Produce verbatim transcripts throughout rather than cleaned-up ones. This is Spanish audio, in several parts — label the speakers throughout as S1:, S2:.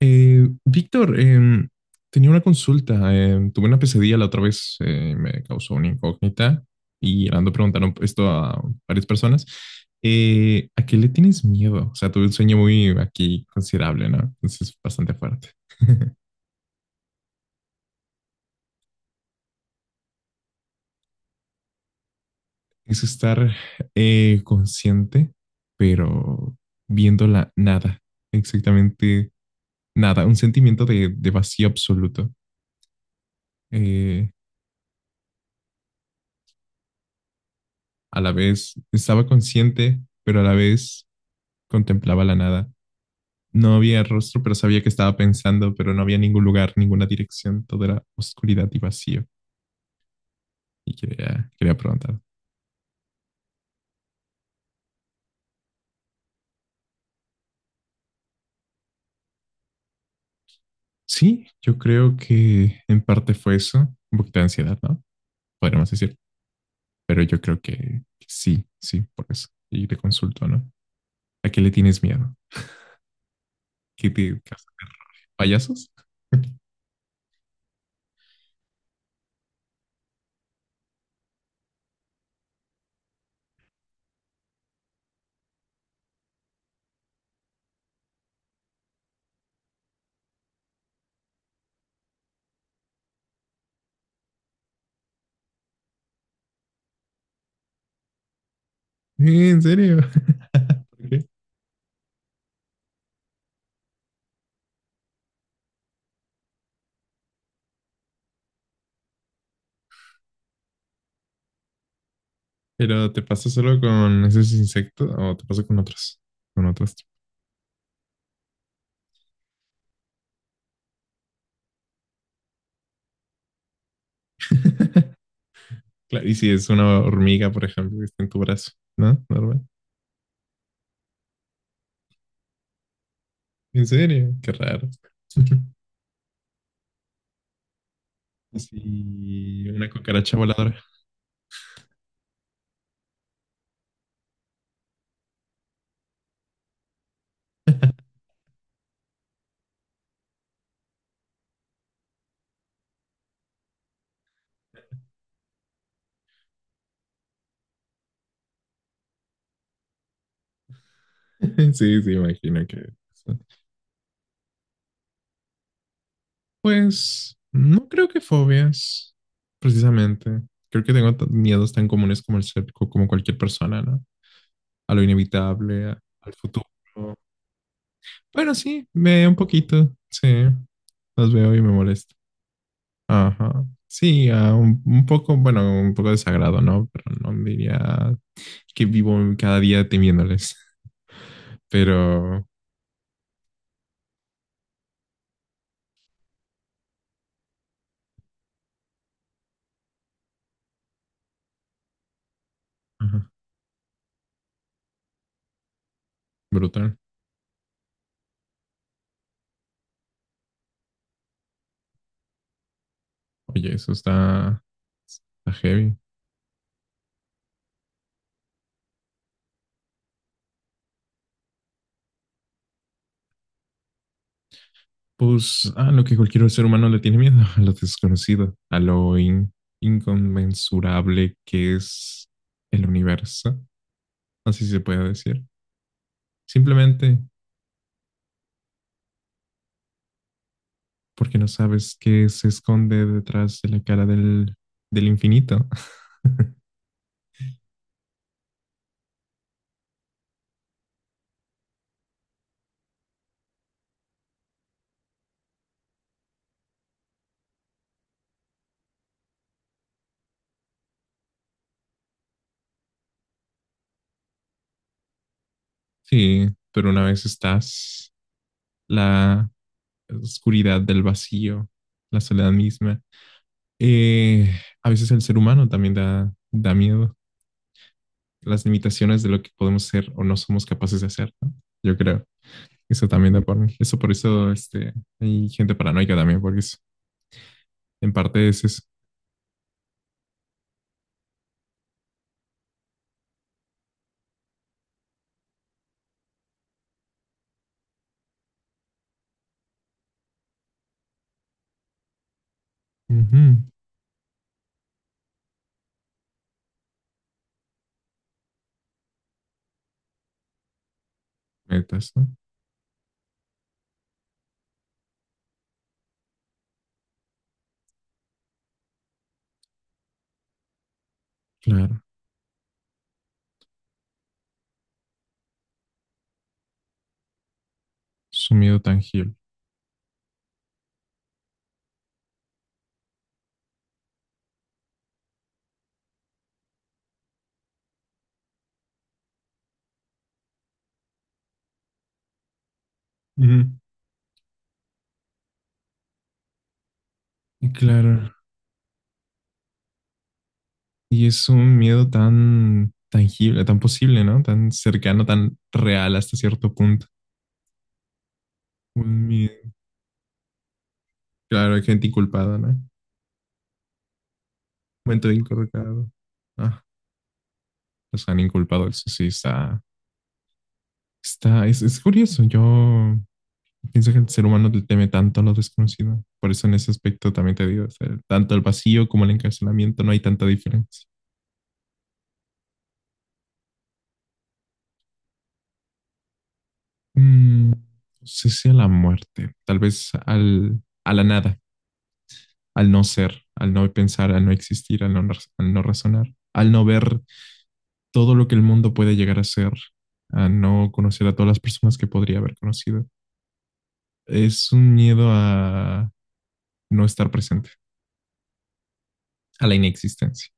S1: Eh, Víctor, em, tenía una consulta. Em, tuve una pesadilla la otra vez, eh, me causó una incógnita y ando preguntaron esto a varias personas. Eh, ¿a qué le tienes miedo? O sea, tuve un sueño muy aquí considerable, ¿no? Entonces, bastante fuerte. Es estar eh, consciente, pero viendo la nada, exactamente nada, un sentimiento de, de vacío absoluto. Eh, a la vez estaba consciente, pero a la vez contemplaba la nada. No había rostro, pero sabía que estaba pensando, pero no había ningún lugar, ninguna dirección. Todo era oscuridad y vacío. Y quería, quería preguntar. Sí, yo creo que en parte fue eso. Un poquito de ansiedad, ¿no? Podríamos decir. Pero yo creo que sí, sí, por eso. Y te consulto, ¿no? ¿A qué le tienes miedo? ¿Qué te payasos? ¿En serio? ¿Por qué? ¿Pero te pasa solo con esos insectos o te pasa con otros? Con otros. Claro, y si es una hormiga, por ejemplo, que está en tu brazo, ¿no? Normal. ¿En serio? Qué raro. Sí, una cucaracha voladora. Sí, sí, imagino que. Pues no creo que fobias, precisamente. Creo que tengo t- miedos tan comunes como el ser, co- como cualquier persona, ¿no? A lo inevitable, a- al futuro. Bueno, sí, me un poquito, sí. Los veo y me molesto. Ajá. Sí, ah, un, un poco, bueno, un poco desagrado, ¿no? Pero no diría que vivo cada día temiéndoles. Pero, ajá, brutal. Oye, eso está, está heavy. Pues, a lo que cualquier ser humano le tiene miedo, a lo desconocido, a lo in- inconmensurable que es el universo, así se puede decir. Simplemente porque no sabes qué se esconde detrás de la cara del, del infinito. Sí, pero una vez estás, la oscuridad del vacío, la soledad misma. Eh, a veces el ser humano también da, da miedo, las limitaciones de lo que podemos ser o no somos capaces de hacer, ¿no? Yo creo. Eso también da por mí. Eso por eso este, hay gente paranoica también, porque es- en parte es eso. Ujú. Metas, ¿no? Claro, su miedo tangible. Ujú. Y claro, y es un miedo tan tangible, tan posible, ¿no? Tan cercano, tan real hasta cierto punto. Un miedo. Claro, hay gente inculpada, ¿no? Momento de inculpado. Ah, los han inculpado, eso sí está. Está, es, es curioso. Yo pienso que el ser humano le teme tanto a lo desconocido. Por eso en ese aspecto también te digo, o sea, tanto el vacío como el encarcelamiento no hay tanta diferencia. Mm, no sé si a la muerte, tal vez al, a la nada, al no ser, al no pensar, al no existir, al no, al no razonar, al no ver todo lo que el mundo puede llegar a ser, a no conocer a todas las personas que podría haber conocido. Es un miedo a no estar presente, a la inexistencia.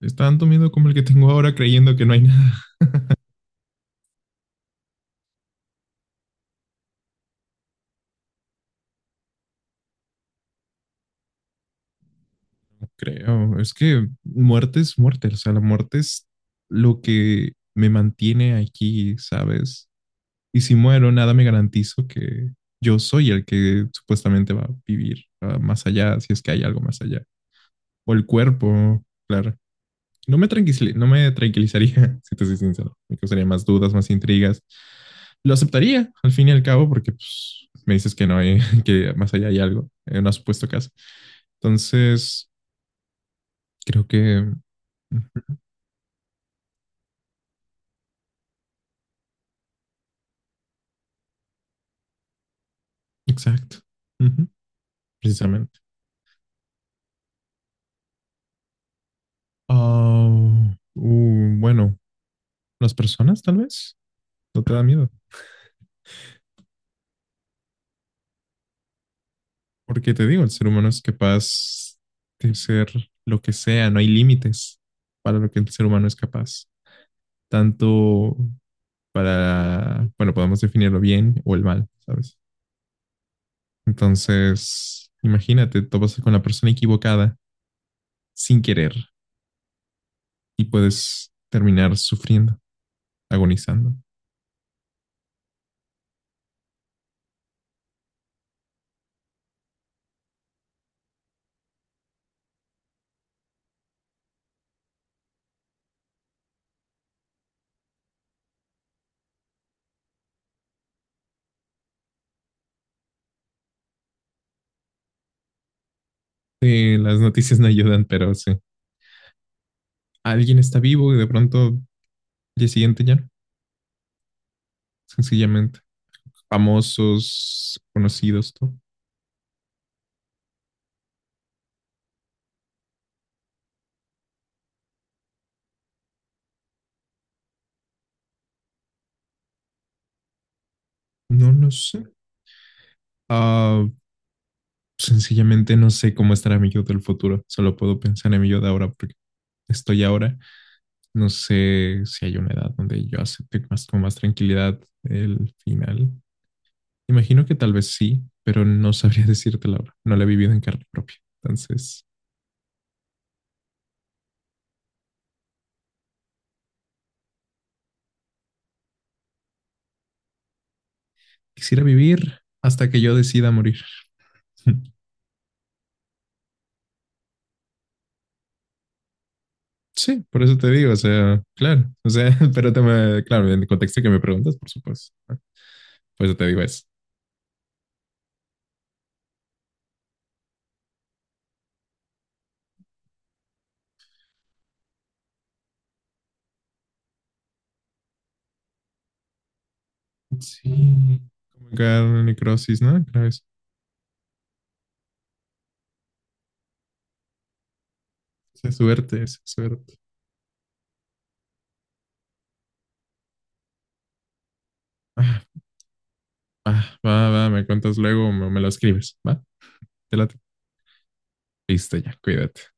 S1: Es tanto miedo como el que tengo ahora creyendo que no hay nada. No creo, es que muerte es muerte, o sea, la muerte es lo que me mantiene aquí, ¿sabes? Y si muero, nada me garantizo que yo soy el que supuestamente va a vivir ah, más allá, si es que hay algo más allá. O el cuerpo, claro. No me tranquil- no me tranquilizaría, si te soy sincero. Me causaría más dudas, más intrigas. Lo aceptaría, al fin y al cabo, porque pues, me dices que no hay, que más allá hay algo, en una supuesto caso. Entonces, creo que... Ujú. Exacto. Ujú, precisamente. Ah, uh, bueno, las personas tal vez. ¿No te da miedo? Porque te digo, el ser humano es capaz de ser lo que sea, no hay límites para lo que el ser humano es capaz, tanto para, bueno, podemos definirlo bien o el mal, ¿sabes? Entonces, imagínate, topas con la persona equivocada sin querer y puedes terminar sufriendo, agonizando. Sí, las noticias no ayudan, pero sí. Alguien está vivo y de pronto al día siguiente ya no, sencillamente. Famosos, conocidos, todo. No lo sé. Uh, Sencillamente no sé cómo estará mi yo del futuro. Solo puedo pensar en mi yo de ahora porque estoy ahora. No sé si hay una edad donde yo acepte más, con más tranquilidad el final. Imagino que tal vez sí, pero no sabría decirte la hora. No la he vivido en carne propia. Entonces, quisiera vivir hasta que yo decida morir. Sí, por eso te digo, o sea, claro, o sea, pero te me, claro, en el contexto que me preguntas, por supuesto, ¿no? Por eso te digo eso. Sí, como que necrosis, ¿no? Claro, esa es suerte, esa es suerte. Ah, ah, va, va, me cuentas luego o me, me lo escribes, ¿va? Te late. Listo, ya, cuídate.